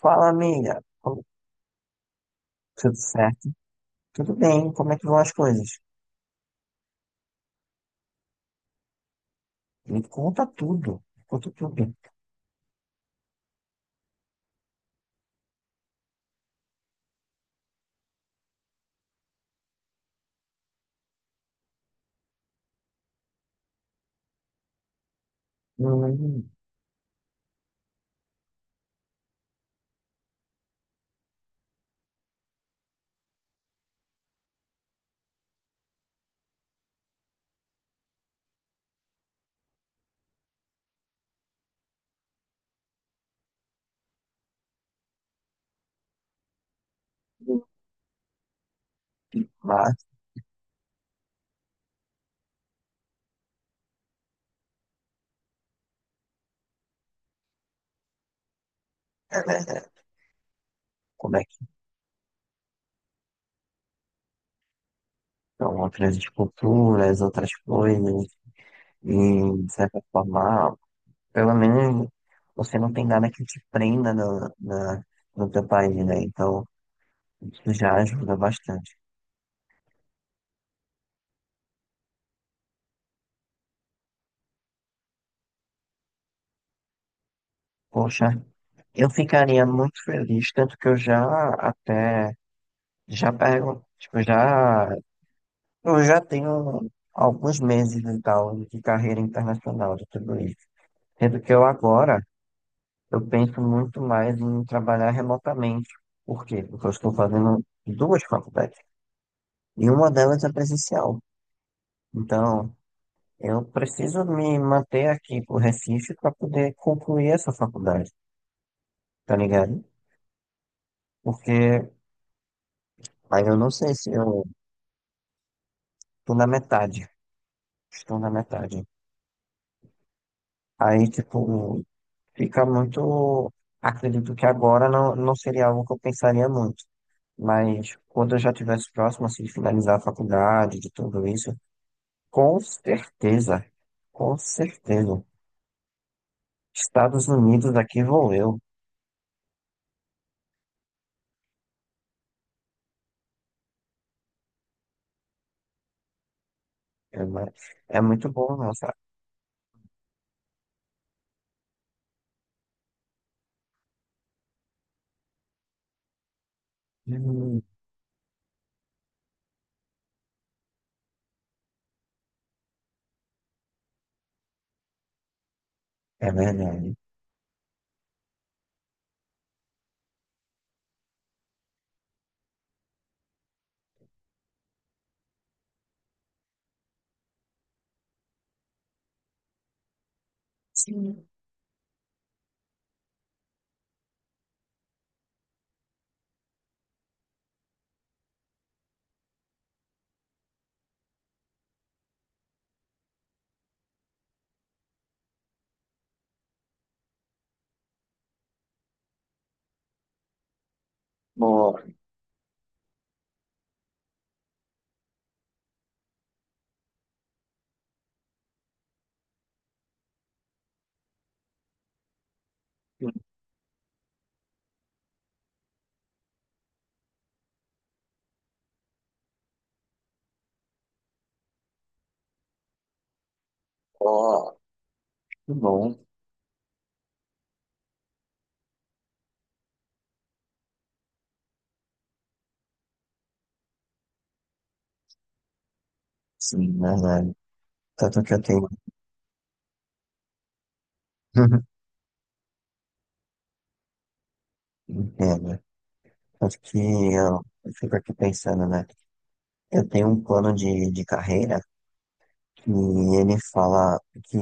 Fala, amiga. Como- Tudo certo? Tudo bem? Como é que vão as coisas? Me conta tudo. Me conta tudo. Hum, mas, é, é, como é que estão outras culturas, outras coisas? E, de certa forma, pelo menos você não tem nada que te prenda no teu país, né? Então, isso já ajuda bastante. Poxa, eu ficaria muito feliz, tanto que eu já até, já pergunto, tipo, já. Eu já tenho alguns meses e tal de carreira internacional de tudo isso. Sendo que eu agora, eu penso muito mais em trabalhar remotamente. Por quê? Porque eu estou fazendo duas faculdades e uma delas é presencial. Então, eu preciso me manter aqui pro Recife para poder concluir essa faculdade, tá ligado? Porque aí eu não sei se eu tô na metade. Estou na metade. Aí, tipo, fica muito. Acredito que agora não, não seria algo que eu pensaria muito, mas quando eu já estivesse próximo assim, de finalizar a faculdade, de tudo isso, com certeza, com certeza. Estados Unidos, aqui vou eu. É, mu- é muito bom, não, sabe? Hum, é verdade. Sim. Bom, bom, que bom. Sim, é verdade. Tanto que eu tenho. Entendo. Tanto que eu fico aqui pensando, né? Eu tenho um plano de carreira. E ele fala que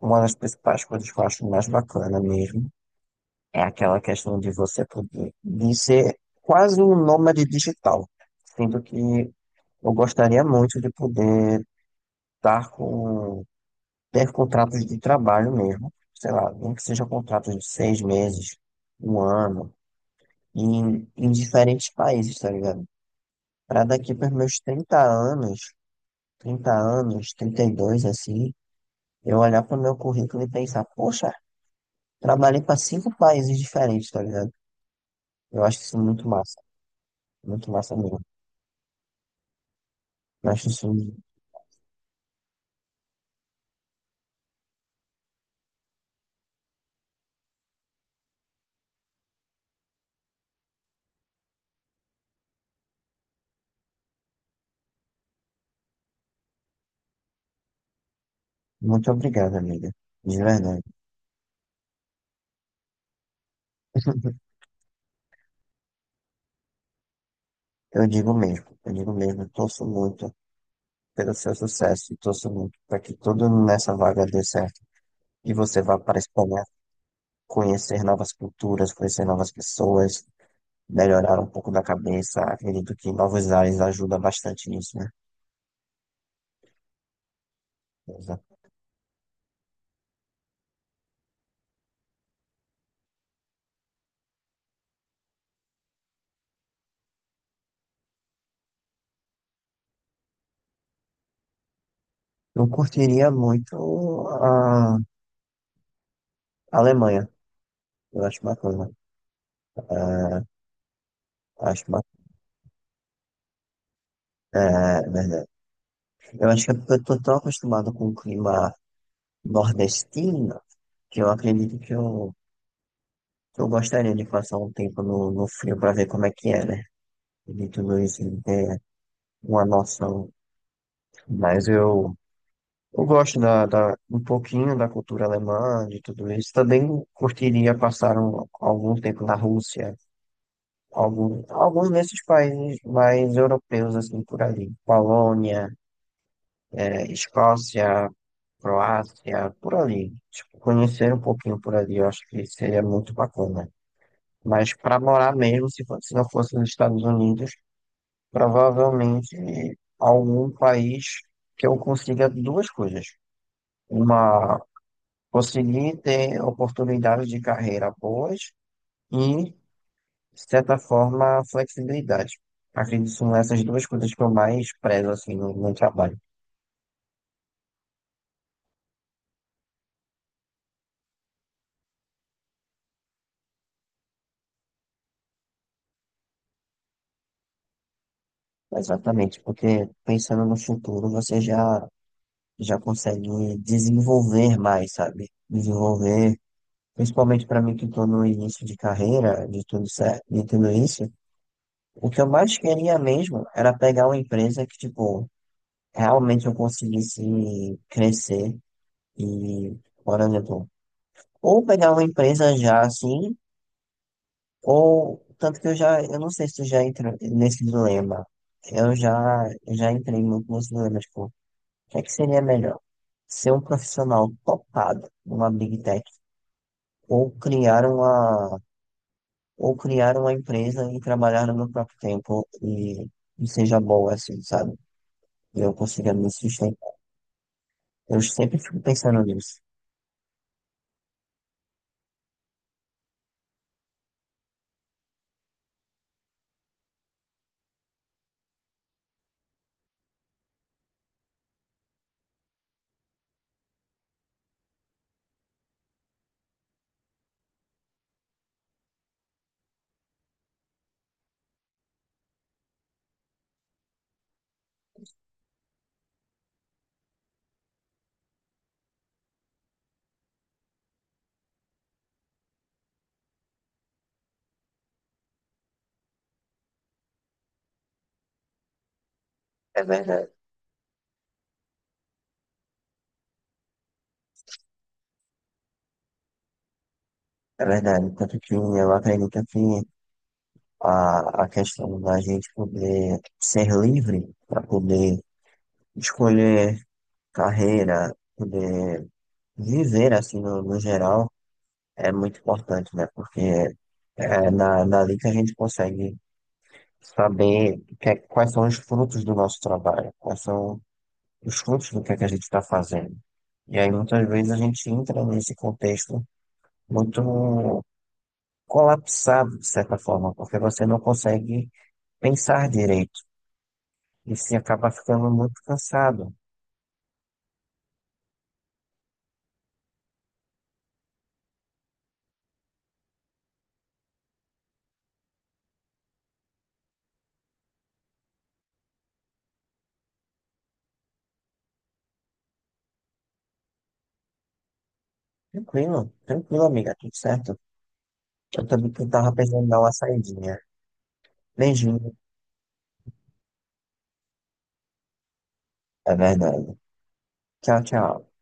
uma das principais coisas que eu acho mais bacana mesmo é aquela questão de você poder, de ser quase um nômade digital. Sendo que eu gostaria muito de poder estar com, ter contratos de trabalho mesmo, sei lá, nem que seja contratos de 6 meses, um ano, em diferentes países, tá ligado? Para daqui para meus 30 anos, 30 anos, 32, assim, eu olhar para o meu currículo e pensar, poxa, trabalhei para 5 países diferentes, tá ligado? Eu acho isso muito massa. Muito massa mesmo. Eu acho isso muito obrigado, amiga. De verdade. Eu digo mesmo. Eu digo mesmo. Torço muito pelo seu sucesso. E torço muito para que tudo nessa vaga dê certo. E você vá para a Espanha conhecer novas culturas, conhecer novas pessoas, melhorar um pouco da cabeça. Acredito que novos ares ajuda bastante nisso, né? Exato. Eu curtiria muito a Alemanha. Eu acho bacana. Ah, acho é, verdade. Eu acho que é porque eu tô tão acostumado com o clima nordestino que eu acredito que que eu gostaria de passar um tempo no frio para ver como é que é, né? De tudo isso de ter uma noção. Mas eu gosto um pouquinho da cultura alemã, de tudo isso. Também curtiria passar algum tempo na Rússia, alguns desses países mais europeus, assim, por ali. Polônia. É, Escócia, Croácia, por ali. Tipo, conhecer um pouquinho por ali, eu acho que seria muito bacana. Mas para morar mesmo, se fo- se não fosse nos Estados Unidos, provavelmente algum país que eu consiga duas coisas. Uma, conseguir ter oportunidades de carreira boas e, de certa forma, flexibilidade. Acredito que são essas duas coisas que eu mais prezo assim, no meu trabalho. Exatamente, porque pensando no futuro, você já já consegue desenvolver mais, sabe? Desenvolver, principalmente para mim que estou no início de carreira, de tudo certo, de tudo isso, o que eu mais queria mesmo era pegar uma empresa que, tipo, realmente eu conseguisse crescer e, por exemplo, ou pegar uma empresa já assim, ou tanto que eu já, eu não sei se tu já entrou nesse dilema. Eu já entrei muito nesse dilema, tipo, o que é que seria melhor? Ser um profissional topado numa Big Tech ou criar uma, ou criar uma empresa e trabalhar no meu próprio tempo e seja boa assim, sabe? E eu consiga me sustentar. Eu sempre fico pensando nisso. É verdade. É verdade. Tanto que eu acredito que a questão da gente poder ser livre para poder escolher carreira, poder viver assim no geral, é muito importante, né? Porque é na, dali que a gente consegue saber o que é- quais são os frutos do nosso trabalho, quais são os frutos do que é que a gente está fazendo. E aí muitas vezes a gente entra nesse contexto muito colapsado, de certa forma, porque você não consegue pensar direito e se acaba ficando muito cansado. Tranquilo, tranquilo, amiga, tudo certo. Eu também estava pensando em dar uma saidinha. Beijinho, é verdade. Tchau, tchau.